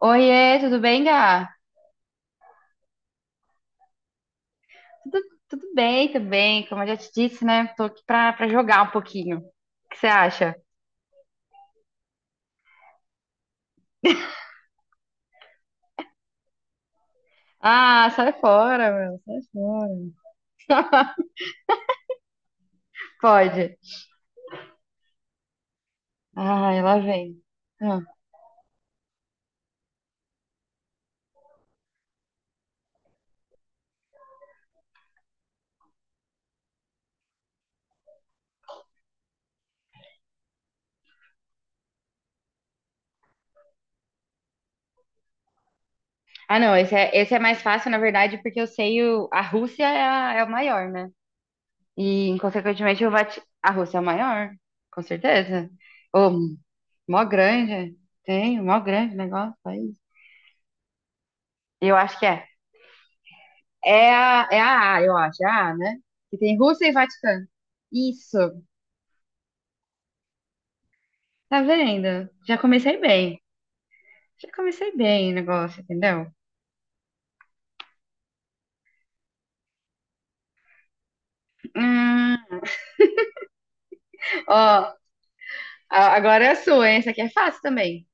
Oiê, tudo bem, Gá? Tudo, tudo bem também, como eu já te disse, né? Tô aqui pra jogar um pouquinho. O que você acha? Ah, sai fora, meu, sai fora. Pode. Ai, lá vem. Ah, não, esse é mais fácil, na verdade, porque eu sei a Rússia é, é o maior, né? E, consequentemente, o Vati... a Rússia é o maior, com certeza. Ô, mó grande, tem, mó grande negócio, país. Eu acho que é. É A, eu acho, é a A, né? Que tem Rússia e Vaticano. Isso. Tá vendo? Já comecei bem. Já comecei bem o negócio, entendeu? Hum, ó, agora é a sua, hein? Essa aqui é fácil também.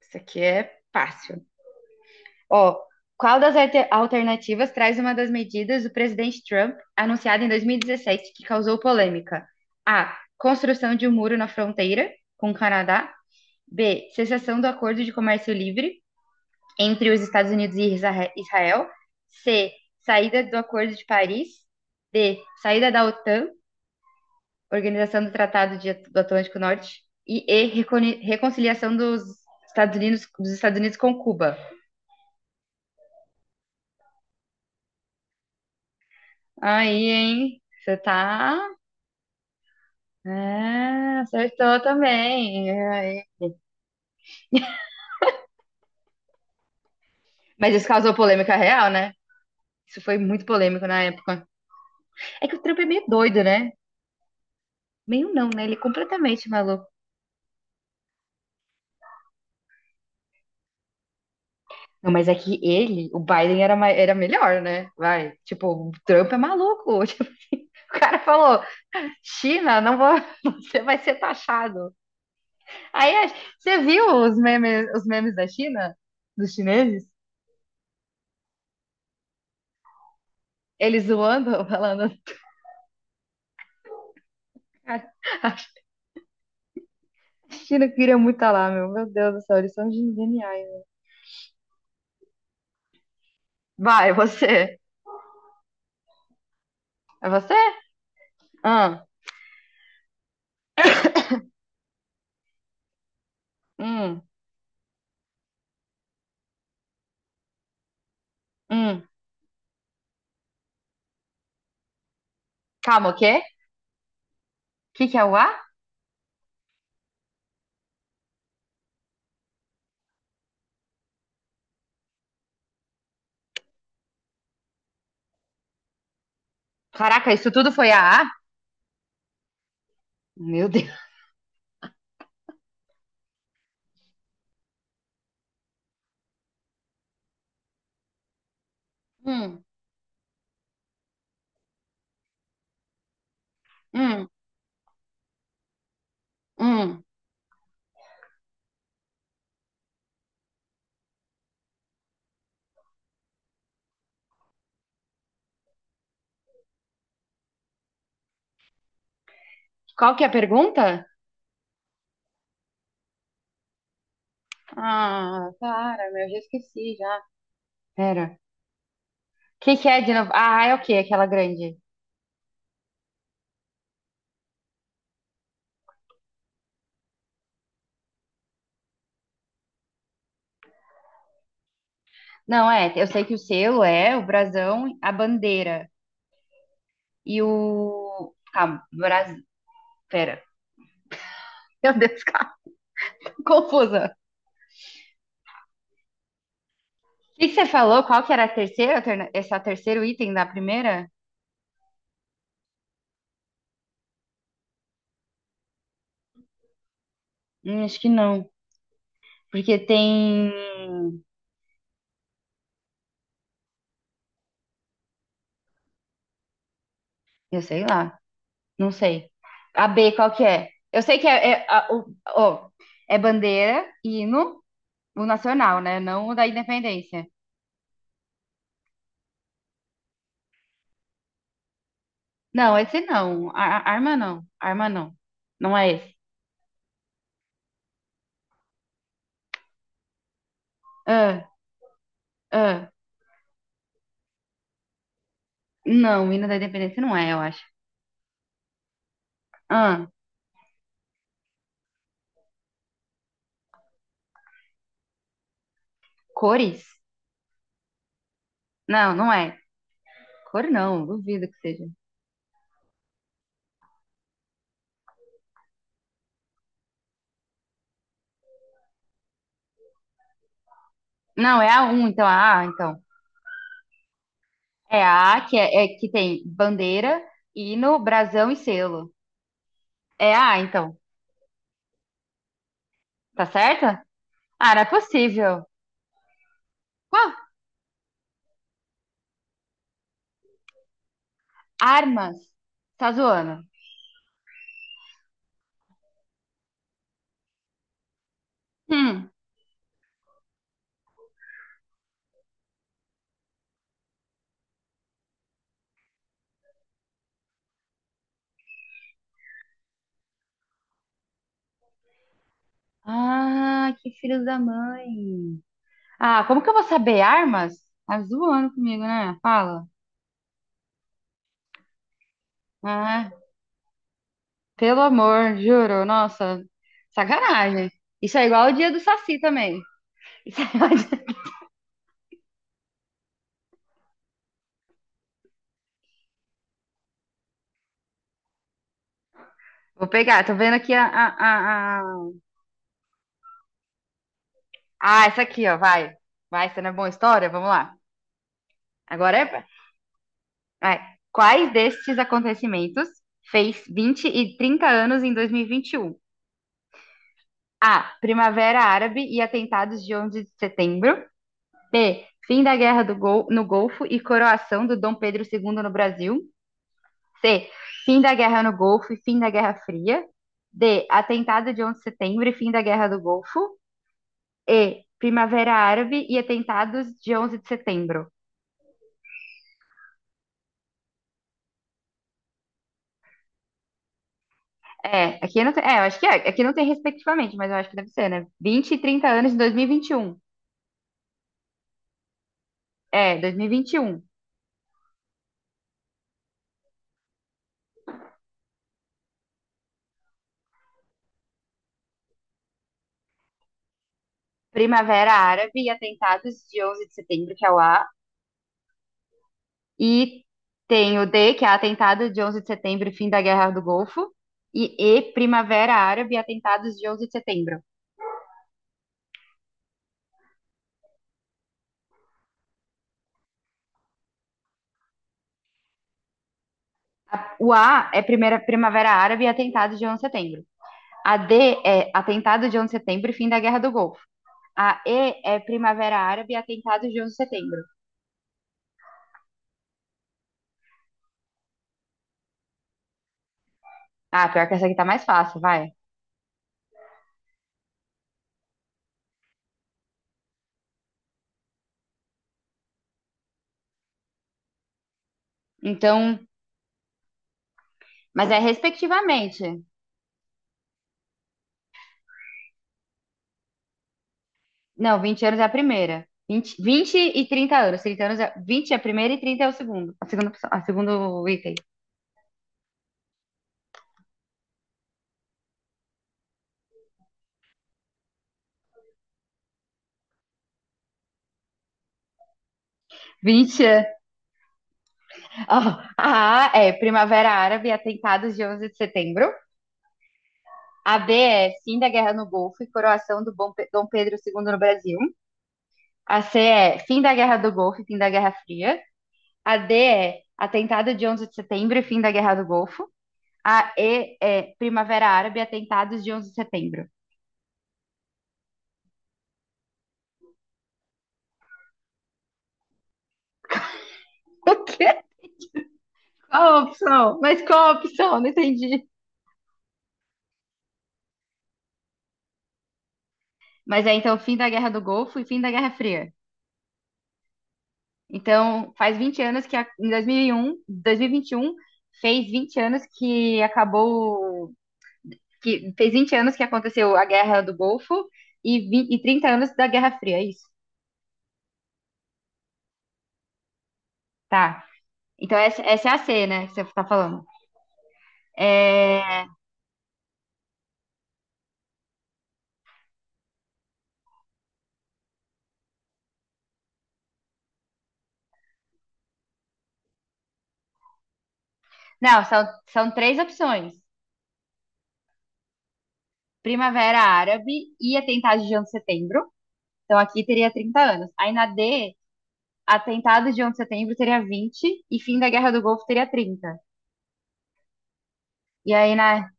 Isso aqui é fácil. Ó, qual das alternativas traz uma das medidas do presidente Trump anunciada em 2017 que causou polêmica? A. Construção de um muro na fronteira com o Canadá. B. Cessação do acordo de comércio livre entre os Estados Unidos e Israel. C. Saída do Acordo de Paris. D. Saída da OTAN, Organização do Tratado do Atlântico Norte. E. Reconciliação dos Estados Unidos com Cuba. Aí, hein? Você tá. É, acertou também. É, aí. Mas isso causou polêmica real, né? Isso foi muito polêmico na época. É que o Trump é meio doido, né? Meio não, né? Ele é completamente maluco. Não, mas é que ele, o Biden era, era melhor, né? Vai, tipo, o Trump é maluco. Tipo, o cara falou, China, não vou, você vai ser taxado. Aí, você viu os memes da China? Dos chineses? Eles zoando, falando, cara, a China queria muito estar lá, meu. Meu Deus do céu, eles são geniais. Né? Vai, você. É você? Ah, hum, hum. Calma, o quê? O que que é o A? Caraca, isso tudo foi a A? Meu Deus. Hum, hum, hum. Qual que é a pergunta? Ah, para, meu, já esqueci já. Pera. O que que é de novo? Ah, é o quê? Aquela grande. Não, é, eu sei que o selo é o brasão, a bandeira e o... Calma, Bras... Pera. Meu Deus, calma. Confusa. O que que você falou? Qual que era a terceira, esse é o terceiro item da primeira? Acho que não. Porque tem... Eu sei lá, não sei. A B, qual que é? Eu sei que é, ó, é bandeira, hino, o nacional, né? Não o da independência. Não, esse não. Arma não. Arma não. Não é esse. Ah, ah. Não, o hino da independência não é, eu acho. Ah, cores? Não, não é. Cor não, duvido que seja. Não, é a um, então a A, então. É a A que, é, é que tem bandeira, hino, brasão e selo. É a A, então. Tá certa? Ah, não é possível. Ah, armas. Tá zoando. Hum. Ah, que filhos da mãe. Ah, como que eu vou saber armas? Tá zoando comigo, né? Fala. Ah, pelo amor, juro. Nossa, sacanagem. Isso é igual o dia do Saci também. Isso é igual o dia- Vou pegar, tô vendo aqui a, a- ah, essa aqui, ó, vai. Vai, essa não é boa história? Vamos lá. Agora é... Vai. Quais destes acontecimentos fez 20 e 30 anos em 2021? A. Primavera Árabe e atentados de 11 de setembro. B. Fim da no Golfo e coroação do Dom Pedro II no Brasil. C. Fim da Guerra no Golfo e fim da Guerra Fria. D. Atentado de 11 de setembro e fim da Guerra do Golfo. E. Primavera Árabe e atentados de 11 de setembro. É, aqui não tem, é, eu acho que é, aqui não tem respectivamente, mas eu acho que deve ser, né? 20 e 30 anos de 2021. É, 2021. Primavera Árabe e atentados de 11 de setembro, que é o A. E tem o D, que é atentado de 11 de setembro e fim da Guerra do Golfo. E, Primavera Árabe e atentados de 11 de setembro. O A é primeira Primavera Árabe e atentados de 11 de setembro. A D é atentado de 11 de setembro e fim da Guerra do Golfo. A E é Primavera Árabe e atentados de 11 de setembro. Ah, pior que essa aqui tá mais fácil, vai. Então, mas é respectivamente. Não, 20 anos é a primeira. 20 e 30 anos. Trinta anos é, 20 é a primeira e 30 é o segundo. A segunda, a segundo item. 20 anos. Ó, a A é Primavera Árabe, atentados de 11 de setembro. A B é fim da guerra no Golfo e coroação do Dom Pedro II no Brasil. A C é fim da guerra do Golfo e fim da Guerra Fria. A D é atentado de 11 de setembro e fim da guerra do Golfo. A E é Primavera Árabe, atentados de 11 de setembro. O quê? Qual a opção? Mas qual a opção? Não entendi. Mas é então fim da guerra do Golfo e fim da Guerra Fria. Então, faz 20 anos que em 2001, 2021 fez 20 anos que acabou, que fez 20 anos que aconteceu a Guerra do Golfo e, 20 e 30 anos da Guerra Fria, é isso? Tá. Então essa é a C, né, que você tá falando. É, não, são, são três opções. Primavera Árabe e atentado de 11 de setembro. Então aqui teria 30 anos. Aí na D, atentado de 11 de setembro teria 20 e fim da Guerra do Golfo teria 30. E aí na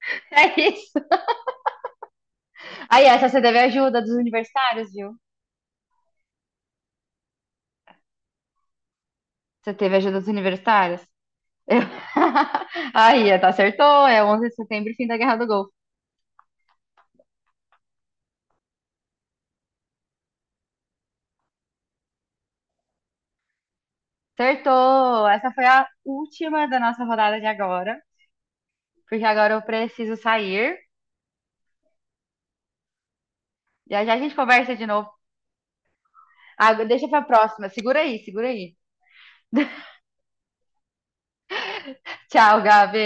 É isso. Aí, essa você teve ajuda dos universitários, viu? Você teve ajuda dos universitários? Eu- Aí, tá, acertou. É 11 de setembro, fim da Guerra do Golfo. Acertou! Essa foi a última da nossa rodada de agora, porque agora eu preciso sair. Já já a gente conversa de novo. Ah, deixa pra próxima. Segura aí, segura aí. Tchau, Gabi.